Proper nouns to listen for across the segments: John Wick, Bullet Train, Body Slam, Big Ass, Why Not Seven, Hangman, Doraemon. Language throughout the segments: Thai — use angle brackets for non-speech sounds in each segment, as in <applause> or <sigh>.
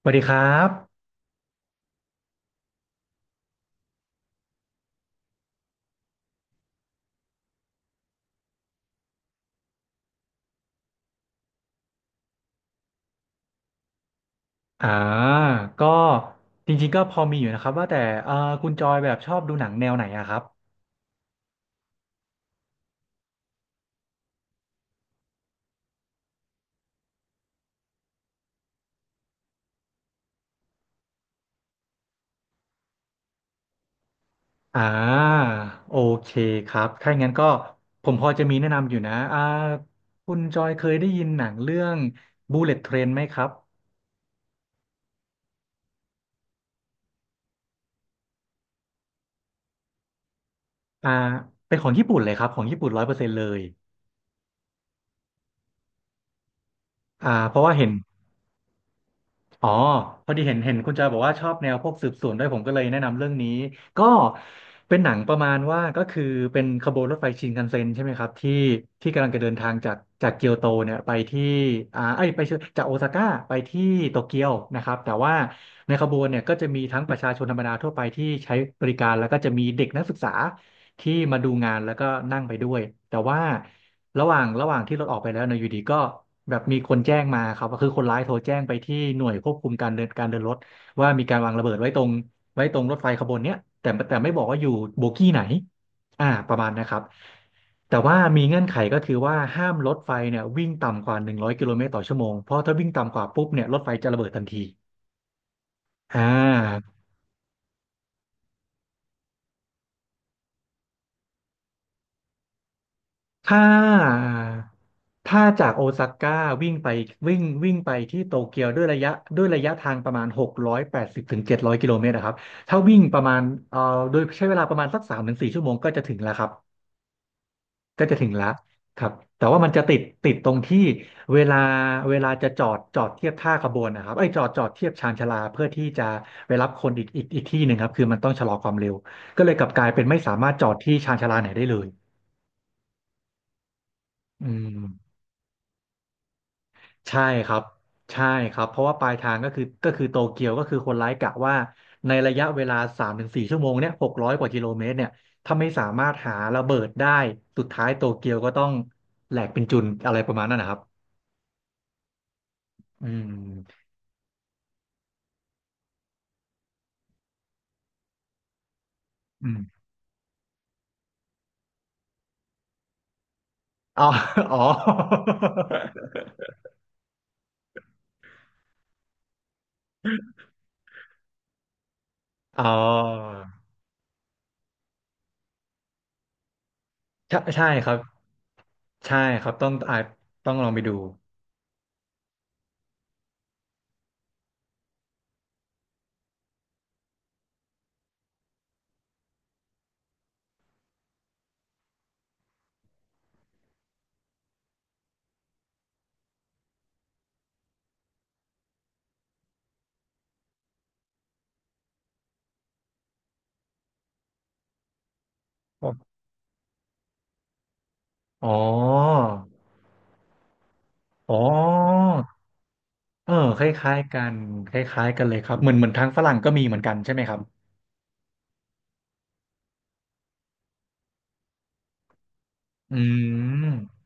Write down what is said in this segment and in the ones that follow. สวัสดีครับอ่าก็จริงๆ ก็พอมีอยู่นะครับว่าแต่เอ่อคุณจอยแบบชอบดูหนังแนวไหนอะครับอ่าโอเคครับถ้าอย่างนั้นก็ผมพอจะมีแนะนำอยู่นะคุณจอยเคยได้ยินหนังเรื่อง Bullet Train ไหมครับอ่าเป็นของญี่ปุ่นเลยครับของญี่ปุ่น100%เลยอ่าเพราะว่าเห็น อ๋อพอดีเห็นคุณจอยบอกว่าชอบแนวพวกสืบสวนด้วยผมก็เลยแนะนำเรื่องนี้ก็เป็นหนังประมาณว่าก็คือเป็นขบวนรถไฟชินคันเซ็นใช่ไหมครับที่ที่กำลังจะเดินทางจากจากเกียวโตเนี่ยไปที่อ่าไอ้ยไปเชิญจากโอซาก้าไปที่โตเกียวนะครับแต่ว่าในขบวนเนี่ยก็จะมีทั้งประชาชนธรรมดาทั่วไปที่ใช้บริการแล้วก็จะมีเด็กนักศึกษาที่มาดูงานแล้วก็นั่งไปด้วยแต่ว่า ระหว่างที่รถออกไปแล้วเนยอยู่ดีก็แบบมีคนแจ้งมาครับก็คือคนร้ายโทรแจ้งไปที่หน่วยควบคุมการเดินรถว่ามีการวางระเบิดไว้ตรงไว้ตรงรถไฟขบวนเนี้ยแต่ไม่บอกว่าอยู่โบกี้ไหนประมาณนะครับแต่ว่ามีเงื่อนไขก็คือว่าห้ามรถไฟเนี่ยวิ่งต่ำกว่า100 กิโลเมตรต่อชั่วโมงเพราะถ้าวิ่งต่ำกว่าปุ๊บเนี่ยรถไฟจะระเบิดทันทีอ่า ถ้าถ้าจากโอซาก้าวิ่งไปวิ่งไปที่โตเกียวด้วยระยะทางประมาณ680 ถึง 700 กิโลเมตรนะครับถ้าวิ่งประมาณเอ่อโดยใช้เวลาประมาณสักสามถึงสี่ชั่วโมงก็จะถึงแล้วครับก็จะถึงแล้วครับแต่ว่ามันจะติดตรงที่เวลาเวลาจะจอดเทียบท่าขบวนนะครับไอ้ยจอดจอดเทียบชานชาลาเพื่อที่จะไปรับคนอีกที่หนึ่งครับคือมันต้องชะลอความเร็วก็เลยกลับกลายเป็นไม่สามารถจอดที่ชานชาลาไหนได้เลยอืม ใช่ครับใช่ครับเพราะว่าปลายทางก็คือโตเกียวก็คือคนร้ายกะว่าในระยะเวลาสามถึงสี่ชั่วโมงเนี่ย600 กว่ากิโลเมตรเนี่ยถ้าไม่สามารถหาระเบิดได้สุดท้ายโตเกียวก็ต้องแหลกเป็นจุนอะไรประมาณนั้นนะครับอืมอืมอ๋ออ๋ออ๋อใช่ใช่ครับใช่ครับต้องต้องลองไปดูอ๋ออ๋อ เออคล้ายๆกันคล้ายๆกันเลยครับเหมือนทางฝรั่งก็มีเหมือนกันใช่ไหมครับอืม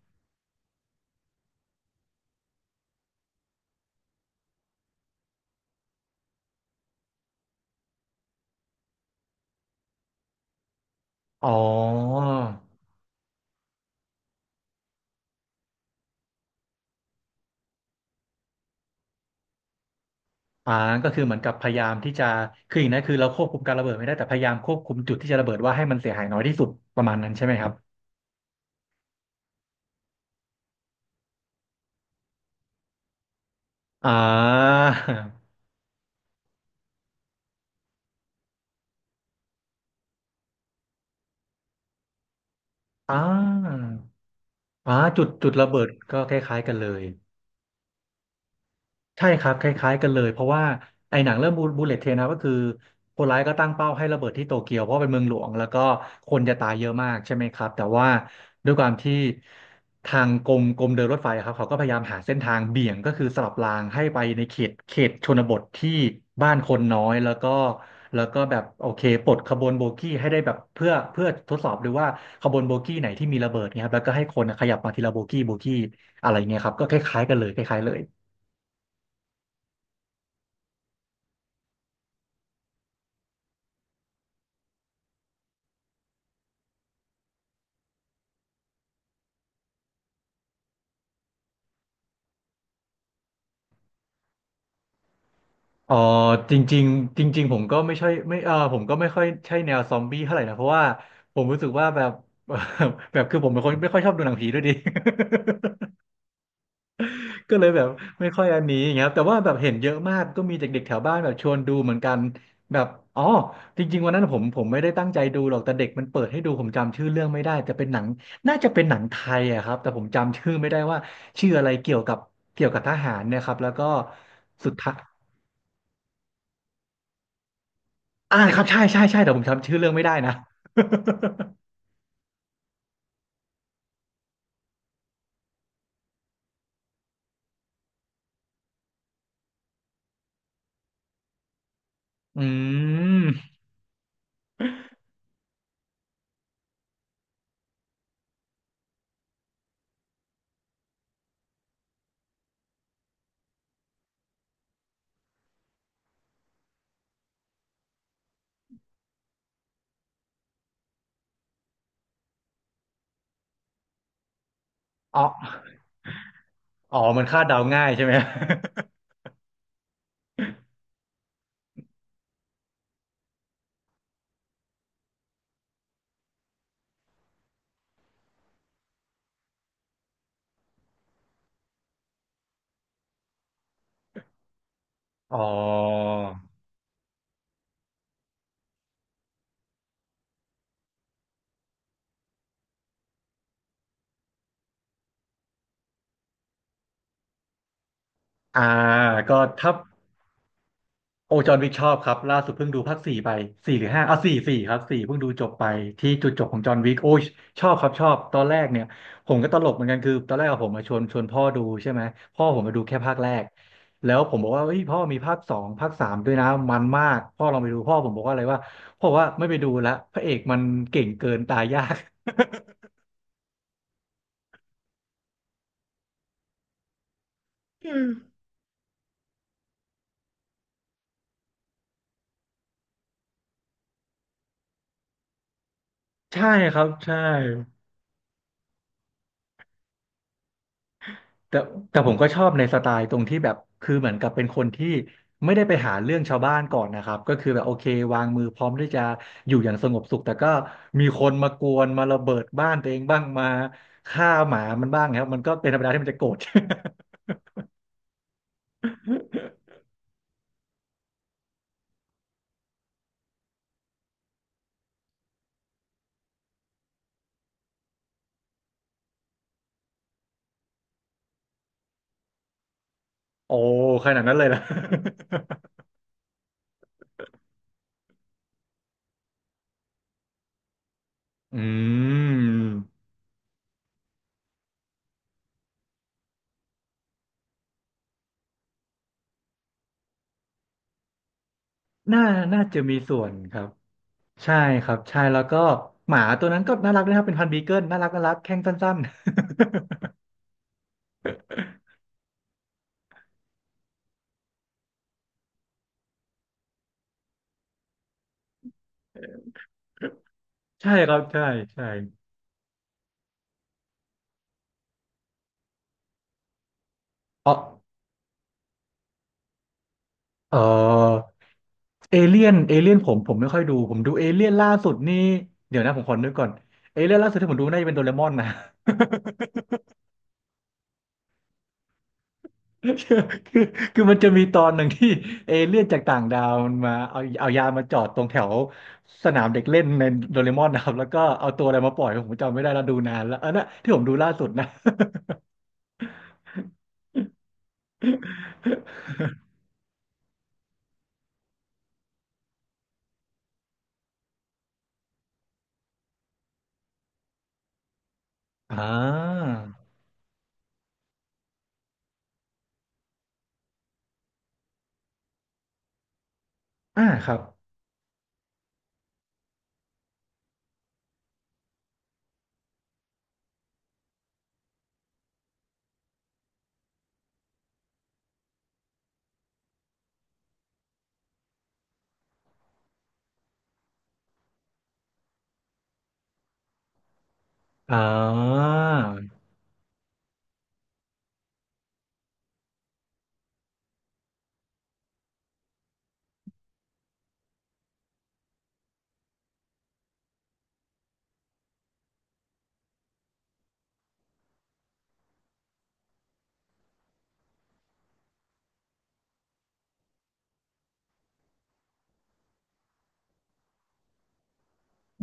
อ๋ออ่าก็คือเหมือนกับพยายามที่จะคืออย่างนั้นคือเราควบคุมการระเบิดไม่ได้แต่พยายามควบคุมจุดที่จะระเบิดว่าให้มันเสียหายน้อยที่สุดประมาณนั้นใช่ไหมครับอ่าอ่าอ่าจุดระเบิดก็คล้ายๆกันเลย ใช่ครับคล้ายๆกันเลยเพราะว่าไอ้หนังเรื่องบูเลตเทรนนะก็คือคนร้ายก็ตั้งเป้าให้ระเบิดที่โตเกียวเพราะเป็นเมืองหลวงแล้วก็คนจะตายเยอะมากใช่ไหมครับแต่ว่าด้วยความที่ทางกรมเดินรถไฟครับเขาก็พยายามหาเส้นทางเบี่ยงก็คือสลับรางให้ไปในเขตชนบทที่บ้านคนน้อยแล้วก็แล้วก็แบบโอเคปลดขบวนโบกี้ให้ได้แบบเพื่อทดสอบดูว่าขบวนโบกี้ไหนที่มีระเบิดเนี่ยครับแล้วก็ให้คนขยับมาทีละโบกี้อะไรเงี้ยครับก็คล้ายๆกันเลยคล้ายๆเลย เออจริงๆจริงๆผมก็ไม่ใช่ไม่เออผมก็ไม่ค่อยใช่แนวซอมบี้เท่าไหร่นะเพราะว่าผมรู้สึกว่าแบบ <laughs> แบบคือผมเป็นคนไม่ค่อยชอบดูหนังผีด้วยดิ <laughs> ก็เลยแบบไม่ค่อยอันนี้อย่างเงี้ยครับแต่ว่าแบบเห็นเยอะมากก็มีเด็กๆแถวบ้านแบบชวนดูเหมือนกันแบบอ๋อจริงๆวันนั้นผมไม่ได้ตั้งใจดูหรอกแต่เด็กมันเปิดให้ดูผมจำชื่อเรื่องไม่ได้แต่เป็นหนังน่าจะเป็นหนังไทยอะครับแต่ผมจำชื่อไม่ได้ว่าชื่ออะไรเกี่ยวกับเกี่ยวกับทหารเนะครับแล้วก็สุดท้าย ครับใช่ใช่ใช่แต่ผมจำชื่อเรื่องไม่ได้นะ <laughs> อืมอ๋ออ๋อ มันคาดเดาง่ายใช่ไหม <laughs> อ๋อ อ่าก็ถ้า โอจอร์นวิกชอบครับล่าสุดเพิ่งดูภาคสี่ไปสี่หรือห้าอ่ะสี่สี่ครับสี่เพิ่งดูจบไปที่จุดจบของจอห์นวิกโอ้ยชอบครับชอบตอนแรกเนี่ยผมก็ตลกเหมือนกันคือตอนแรกอะผมมาชวนพ่อดูใช่ไหมพ่อผมมาดูแค่ภาคแรกแล้วผมบอกว่าเฮ้ยพ่อมีภาคสองภาคสามด้วยนะมันมากพ่อลองไปดูพ่อผมบอกว่าอะไรว่าพ่อบอกว่าไม่ไปดูละพระเอกมันเก่งเกินตายยาก <laughs> ใช่ครับใช่ แต่แต่ผมก็ชอบในสไตล์ตรงที่แบบคือเหมือนกับเป็นคนที่ไม่ได้ไปหาเรื่องชาวบ้านก่อนนะครับก็คือแบบโอเควางมือพร้อมที่จะอยู่อย่างสงบสุขแต่ก็มีคนมากวนมาระเบิดบ้านตัวเองบ้างมาฆ่าหมามันบ้างครับมันก็เป็นธรรมดาที่มันจะโกรธ <laughs> โอ้ขนาดนั้นเลยล่ะ <laughs> อืม <laughs> น่าน่าจะมีส่วนครับใช่ครับใช่แล้วก็หมาตัวนั้นก็น่ารักนะครับเป็นพันธุ์บีเกิลน่ารักน่ารักแข้งสั้นๆ <laughs> ใช่ครับใช่ใช่อ๋อ เออเอเลี่ยนเอเลี่ยนผมไม่ค่อยดูผมดูเอเลี่ยนล่าสุดนี่เดี๋ยวนะผมขอนึกก่อนเอเลี่ยนล่าสุดที่ผมดูน่าจะเป็นโดเรมอนนะ <laughs> คือคือคือมันจะมีตอนหนึ่งที่เอเลี่ยนจากต่างดาวมันมาเอายามาจอดตรงแถวสนามเด็กเล่นในโดเรมอนนะครับแล้วก็เอาตัวอะไรมาปล่อยผมจำไม่ได้แล้วดูนานแล้วอันนั้นที่ผมดูล่าสุดนะ <laughs> อ่าอ่าครับอ่า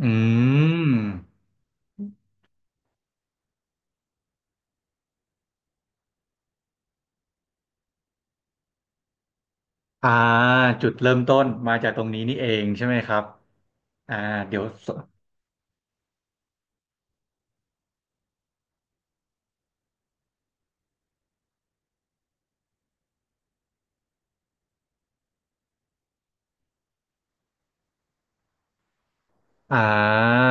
อืม อ่าจุดเริ่มต้นมาจากตรงนี้นี่เองใช่ไหมครับอ่าเดี๋ยวสอ่า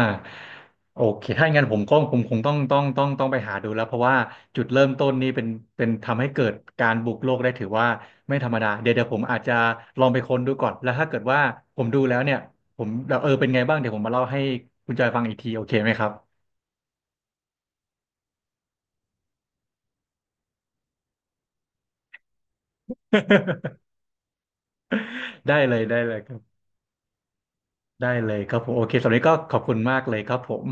โอเคถ้าอย่างนั้นผมคงต้องไปหาดูแล้วเพราะว่าจุดเริ่มต้นนี่เป็นทำให้เกิดการบุกโลกได้ถือว่าไม่ธรรมดาเดี๋ยวผมอาจจะลองไปค้นดูก่อนแล้วถ้าเกิดว่าผมดูแล้วเนี่ยผมเออเป็นไงบ้างเดี๋ยวผมมาเล่าให้คุณจอยฟังอีกทีโอเคไหมครับ <laughs> ได้เลยครับได้เลยครับผมโอเคสำหรับวันนี้ก็ขอบคุณมากเลยครับผม